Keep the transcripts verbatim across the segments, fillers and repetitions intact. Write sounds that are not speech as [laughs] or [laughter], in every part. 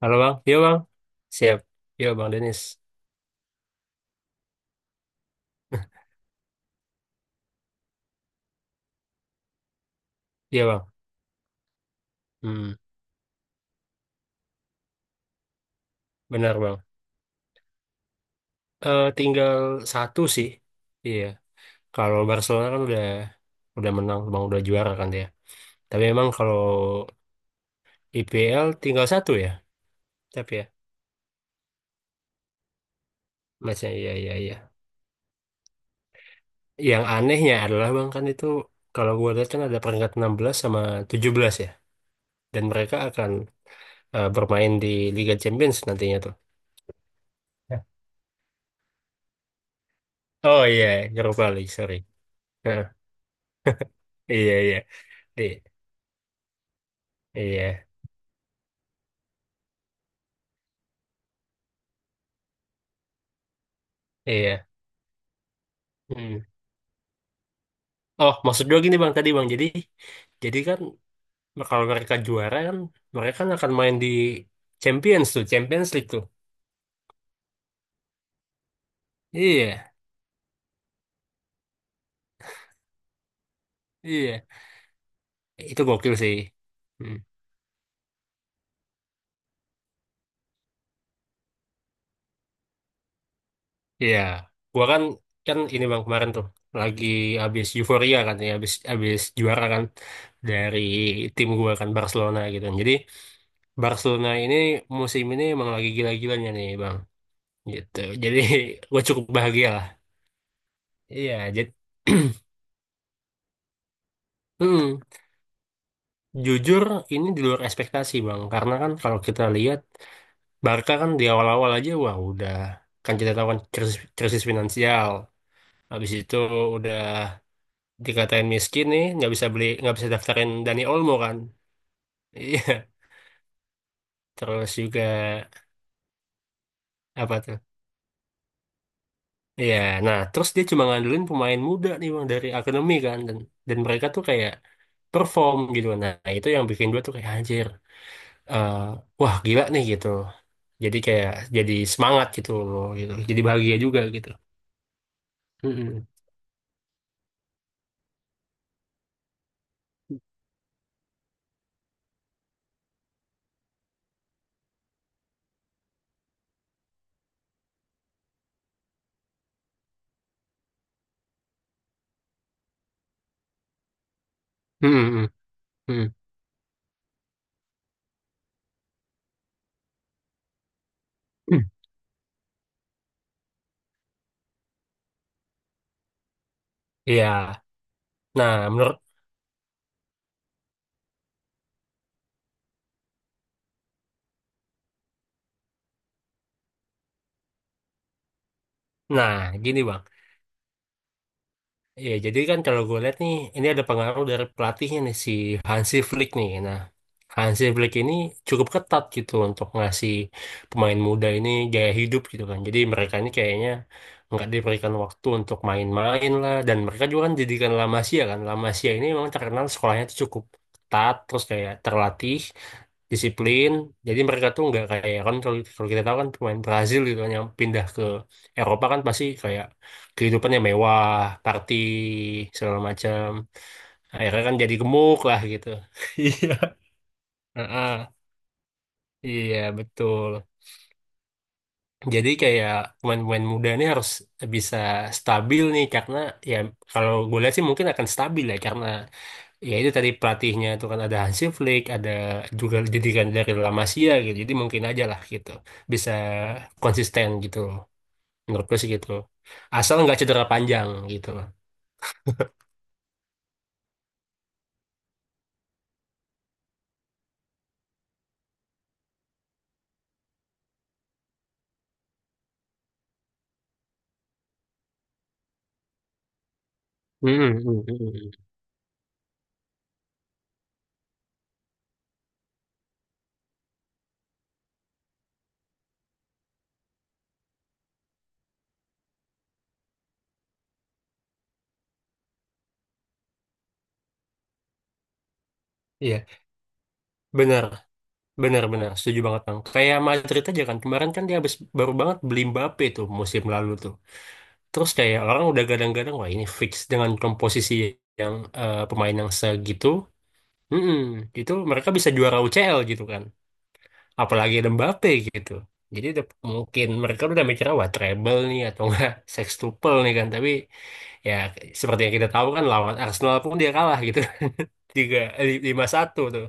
Halo Bang, iya Bang. Siap. Iya Bang Denis. Iya Bang. Hmm, benar Bang. Eh tinggal satu sih. Iya. Kalau Barcelona kan udah udah menang, Bang, udah juara kan dia. Tapi memang kalau I P L tinggal satu ya. Tapi ya, masih, iya iya iya. Yang anehnya adalah Bang, kan itu kalau gua lihat kan ada peringkat enam belas sama tujuh belas ya. Dan mereka akan eh, bermain di Liga Champions nantinya tuh. Ya. Oh iya, Europa League, sorry. Heeh, iya iya. Di- iya. Iya. Hmm. Oh, maksud gue gini Bang, tadi Bang. Jadi jadi kan kalau mereka juara kan mereka kan akan main di Champions tuh, Champions League tuh. Iya, iya. Itu gokil sih. Hmm. Iya. Gua kan kan ini Bang, kemarin tuh lagi habis euforia kan, ya habis, habis juara kan, dari tim gua kan Barcelona gitu. Jadi Barcelona ini musim ini emang lagi gila-gilanya nih Bang. Gitu. Jadi [laughs] gua cukup bahagia lah. Iya, jadi [clears throat] jujur, ini di luar ekspektasi Bang, karena kan kalau kita lihat Barca kan di awal-awal aja wah udah, kan kita tahu kan, krisis, krisis finansial, habis itu udah dikatain miskin nih, nggak bisa beli, nggak bisa daftarin Dani Olmo kan, [laughs] iya, terus juga apa tuh, iya, nah terus dia cuma ngandelin pemain muda nih Bang dari akademi kan, dan dan mereka tuh kayak perform gitu, nah itu yang bikin gue tuh kayak anjir, eh, wah gila nih gitu. Jadi kayak jadi semangat gitu loh gitu. Jadi bahagia juga gitu. Mm-mm. Mm-mm. Mm-mm. Mm. Iya. Nah menurut, nah, gini Bang. Iya, jadi kan kalau gue lihat nih, ini ada pengaruh dari pelatihnya nih si Hansi Flick nih. Nah, Hansi Flick ini cukup ketat gitu untuk ngasih pemain muda ini gaya hidup gitu kan. Jadi mereka ini kayaknya nggak diberikan waktu untuk main-main lah. Dan mereka juga kan didikan La Masia kan. La Masia ini memang terkenal sekolahnya tuh cukup ketat, terus kayak terlatih, disiplin. Jadi mereka tuh nggak kayak, kan kalau kalau kita tahu kan pemain Brazil gitu kan yang pindah ke Eropa kan pasti kayak kehidupannya mewah, party segala macam. Akhirnya kan jadi gemuk lah gitu. [laughs] Iya. Heeh, iya betul. Jadi kayak pemain-pemain muda ini harus bisa stabil nih karena ya kalau gue lihat sih mungkin akan stabil ya karena ya itu tadi pelatihnya itu kan ada Hansi Flick, ada juga didikan dari La Masia gitu. Jadi mungkin aja lah gitu bisa konsisten gitu loh. Menurut gue sih gitu. Asal nggak cedera panjang gitu. Hmm, hmm, hmm, hmm. iya, benar. Benar-benar, setuju banget Bang. Kayak Madrid aja kan, kemarin kan dia habis baru banget beli Mbappe tuh musim lalu tuh. Terus kayak orang udah gadang-gadang, wah ini fix dengan komposisi yang eh, pemain yang segitu, mm itu mereka bisa juara U C L gitu kan. Apalagi ada Mbappe gitu. Jadi udah, mungkin mereka udah mikirnya, wah treble nih atau enggak [laughs] sextuple nih kan. Tapi ya seperti yang kita tahu kan lawan Arsenal pun dia kalah gitu. [laughs] Tiga, eh, lima satu tuh,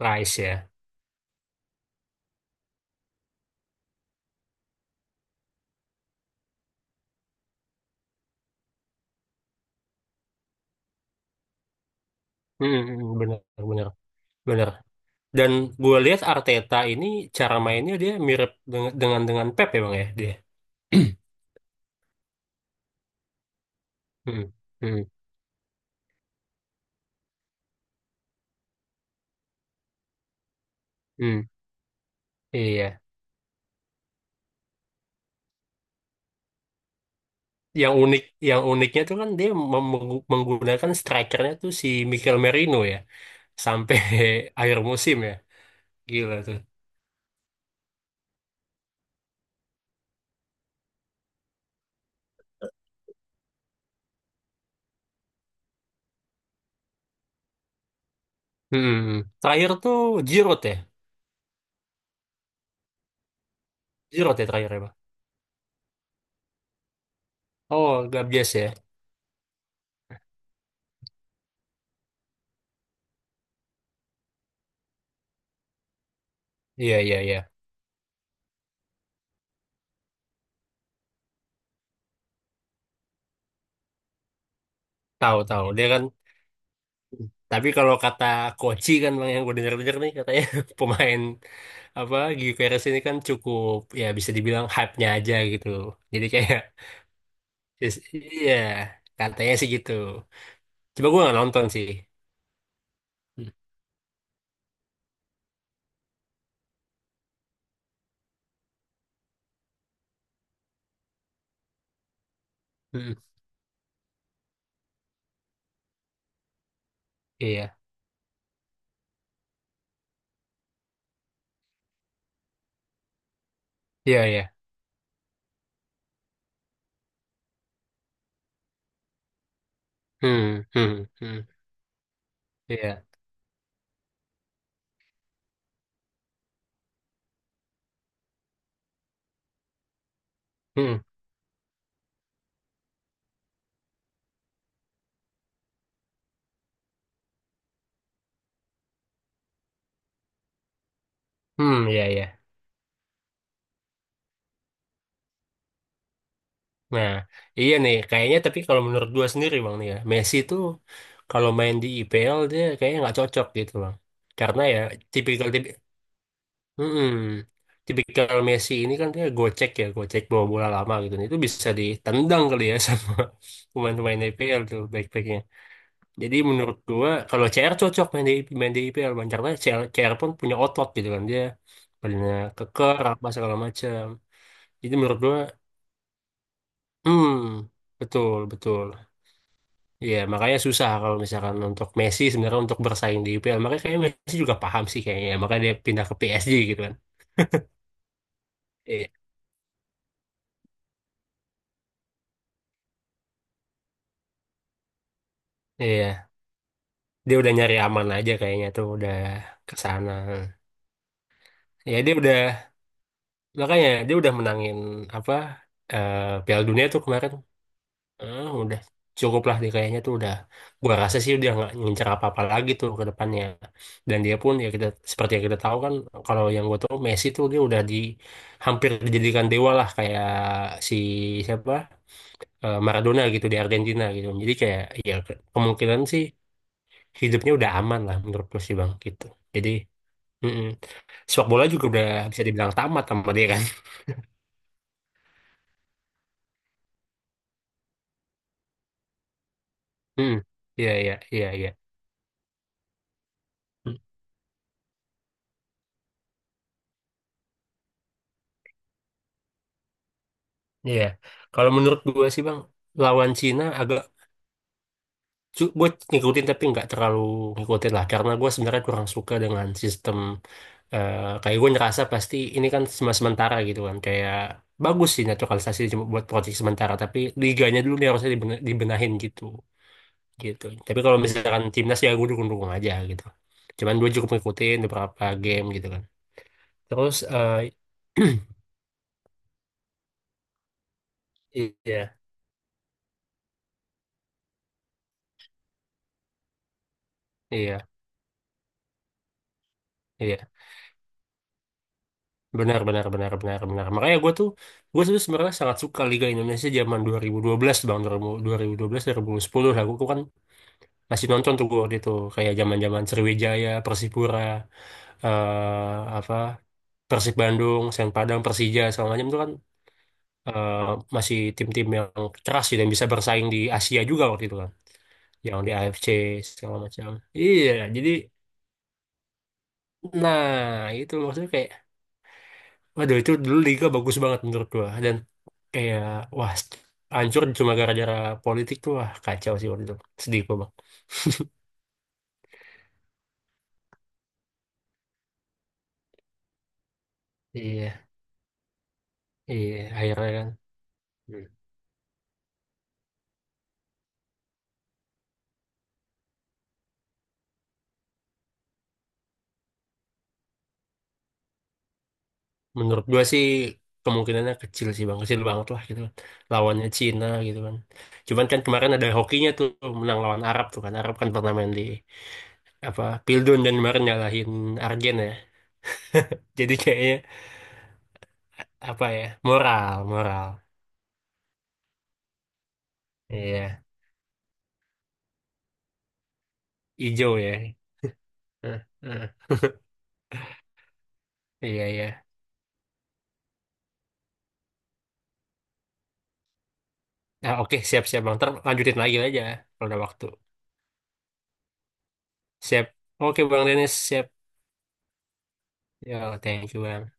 Rice ya. Mm-mm, benar-benar. Dan gue lihat Arteta ini cara mainnya dia mirip dengan dengan, dengan Pep ya Bang ya dia. [clears throat] Hmm, hmm, hmm, iya. Yang unik yang uniknya tuh kan dia mem- menggu- menggunakan strikernya tuh si Mikel Merino ya sampai [laughs] akhir musim ya. Gila tuh. Hmm, hmm, hmm. Terakhir tuh Giroud ya. Giroud ya terakhir ya, Bang. Oh, Gabias ya. Iya, iya, iya. Tahu, tahu. Dia kan, tapi kalau kata Koci kan Bang, yang gue denger-denger nih katanya [laughs] pemain apa G Q R S ini kan cukup, ya bisa dibilang hype-nya aja gitu. Jadi kayak is- iya katanya sih gitu. Coba gue nggak nonton sih. Hmm, hmm, iya iya iya. Hmm hmm hmm iya hmm hmm iya iya. Nah, iya nih kayaknya, tapi kalau menurut gue sendiri Bang nih ya, Messi tuh kalau main di I P L dia kayaknya nggak cocok gitu Bang. Karena ya tipikal, mm-mm, tipikal Messi ini kan dia gocek ya, gocek bawa bola lama gitu. Nah, itu bisa ditendang kali ya sama [laughs] pemain-pemain I P L tuh back-backnya. Jadi menurut gua kalau C R cocok main di main di IPL, Bang. Karena C R, C R pun punya otot gitu kan, dia badannya keker apa segala macam. Jadi menurut gua, hmm, betul betul. Iya makanya susah kalau misalkan untuk Messi sebenarnya untuk bersaing di I P L. Makanya kayaknya Messi juga paham sih kayaknya. Makanya dia pindah ke P S G gitu kan. Iya. Iya. Dia udah nyari aman aja kayaknya tuh udah ke sana, ya dia udah, makanya dia udah menangin apa eh Piala Dunia tuh kemarin. Eh, udah cukup lah dia kayaknya tuh udah, gua rasa sih dia nggak ngincer apa-apa lagi tuh ke depannya, dan dia pun ya kita, seperti yang kita tahu kan, kalau yang gua tahu Messi tuh dia udah di, hampir dijadikan dewa lah kayak si, siapa, eh, Maradona gitu di Argentina gitu, jadi kayak ya ke- kemungkinan sih hidupnya udah aman lah, menurut gue sih Bang gitu, jadi, mm-mm. Sepak bola juga udah bisa dibilang tamat sama dia kan. Mm. Iya, iya, iya, iya. Mm. Iya. Kalau menurut gue sih Bang, lawan Cina agak, gue ngikutin tapi nggak terlalu ngikutin lah, karena gue sebenarnya kurang suka dengan sistem, eh, kayak gue ngerasa pasti ini kan cuma sementara gitu kan, kayak bagus sih naturalisasi cuma buat proyek sementara, tapi liganya dulu nih harusnya dibena- dibenahin gitu gitu. Tapi kalau misalkan timnas ya gue dukung-dukung aja gitu, cuman gue cukup ngikutin beberapa game gitu kan. Terus eh, [clears throat] iya iya iya, benar benar benar benar benar. Makanya gue tuh gue tuh sebenarnya sangat suka Liga Indonesia zaman dua dua ribu dua belas Bang, dua ribu dua belas, dua ribu sepuluh lah. Gue kan masih nonton tuh gue waktu itu kayak zaman zaman Sriwijaya, Persipura, eh apa Persib Bandung, Sen Padang, Persija segala macam tuh kan, eh, masih tim-tim yang keras sih, dan bisa bersaing di Asia juga waktu itu kan. Yang di A F C segala macam. Iya jadi, nah, itu maksudnya kayak waduh itu dulu Liga bagus banget menurut gua, dan kayak wah hancur cuma gara-gara politik tuh, wah kacau sih waktu itu, sedih gua Bang. Iya, iya akhirnya kan. Hmm. Menurut gua sih kemungkinannya kecil sih Bang, kecil banget lah gitu kan. Lawannya Cina gitu kan. Cuman kan kemarin ada hokinya tuh, menang lawan Arab tuh kan, Arab kan pernah main di apa Pildun dan kemarin ngalahin Argen ya. Jadi kayaknya apa ya, moral, moral. Iya, hijau ya. Heeh, heeh. Iya iya. Nah, oke, siap-siap Bang. Ntar lanjutin lagi aja kalau ada waktu. Siap. Oke Bang Dennis siap. Ya, thank you Bang.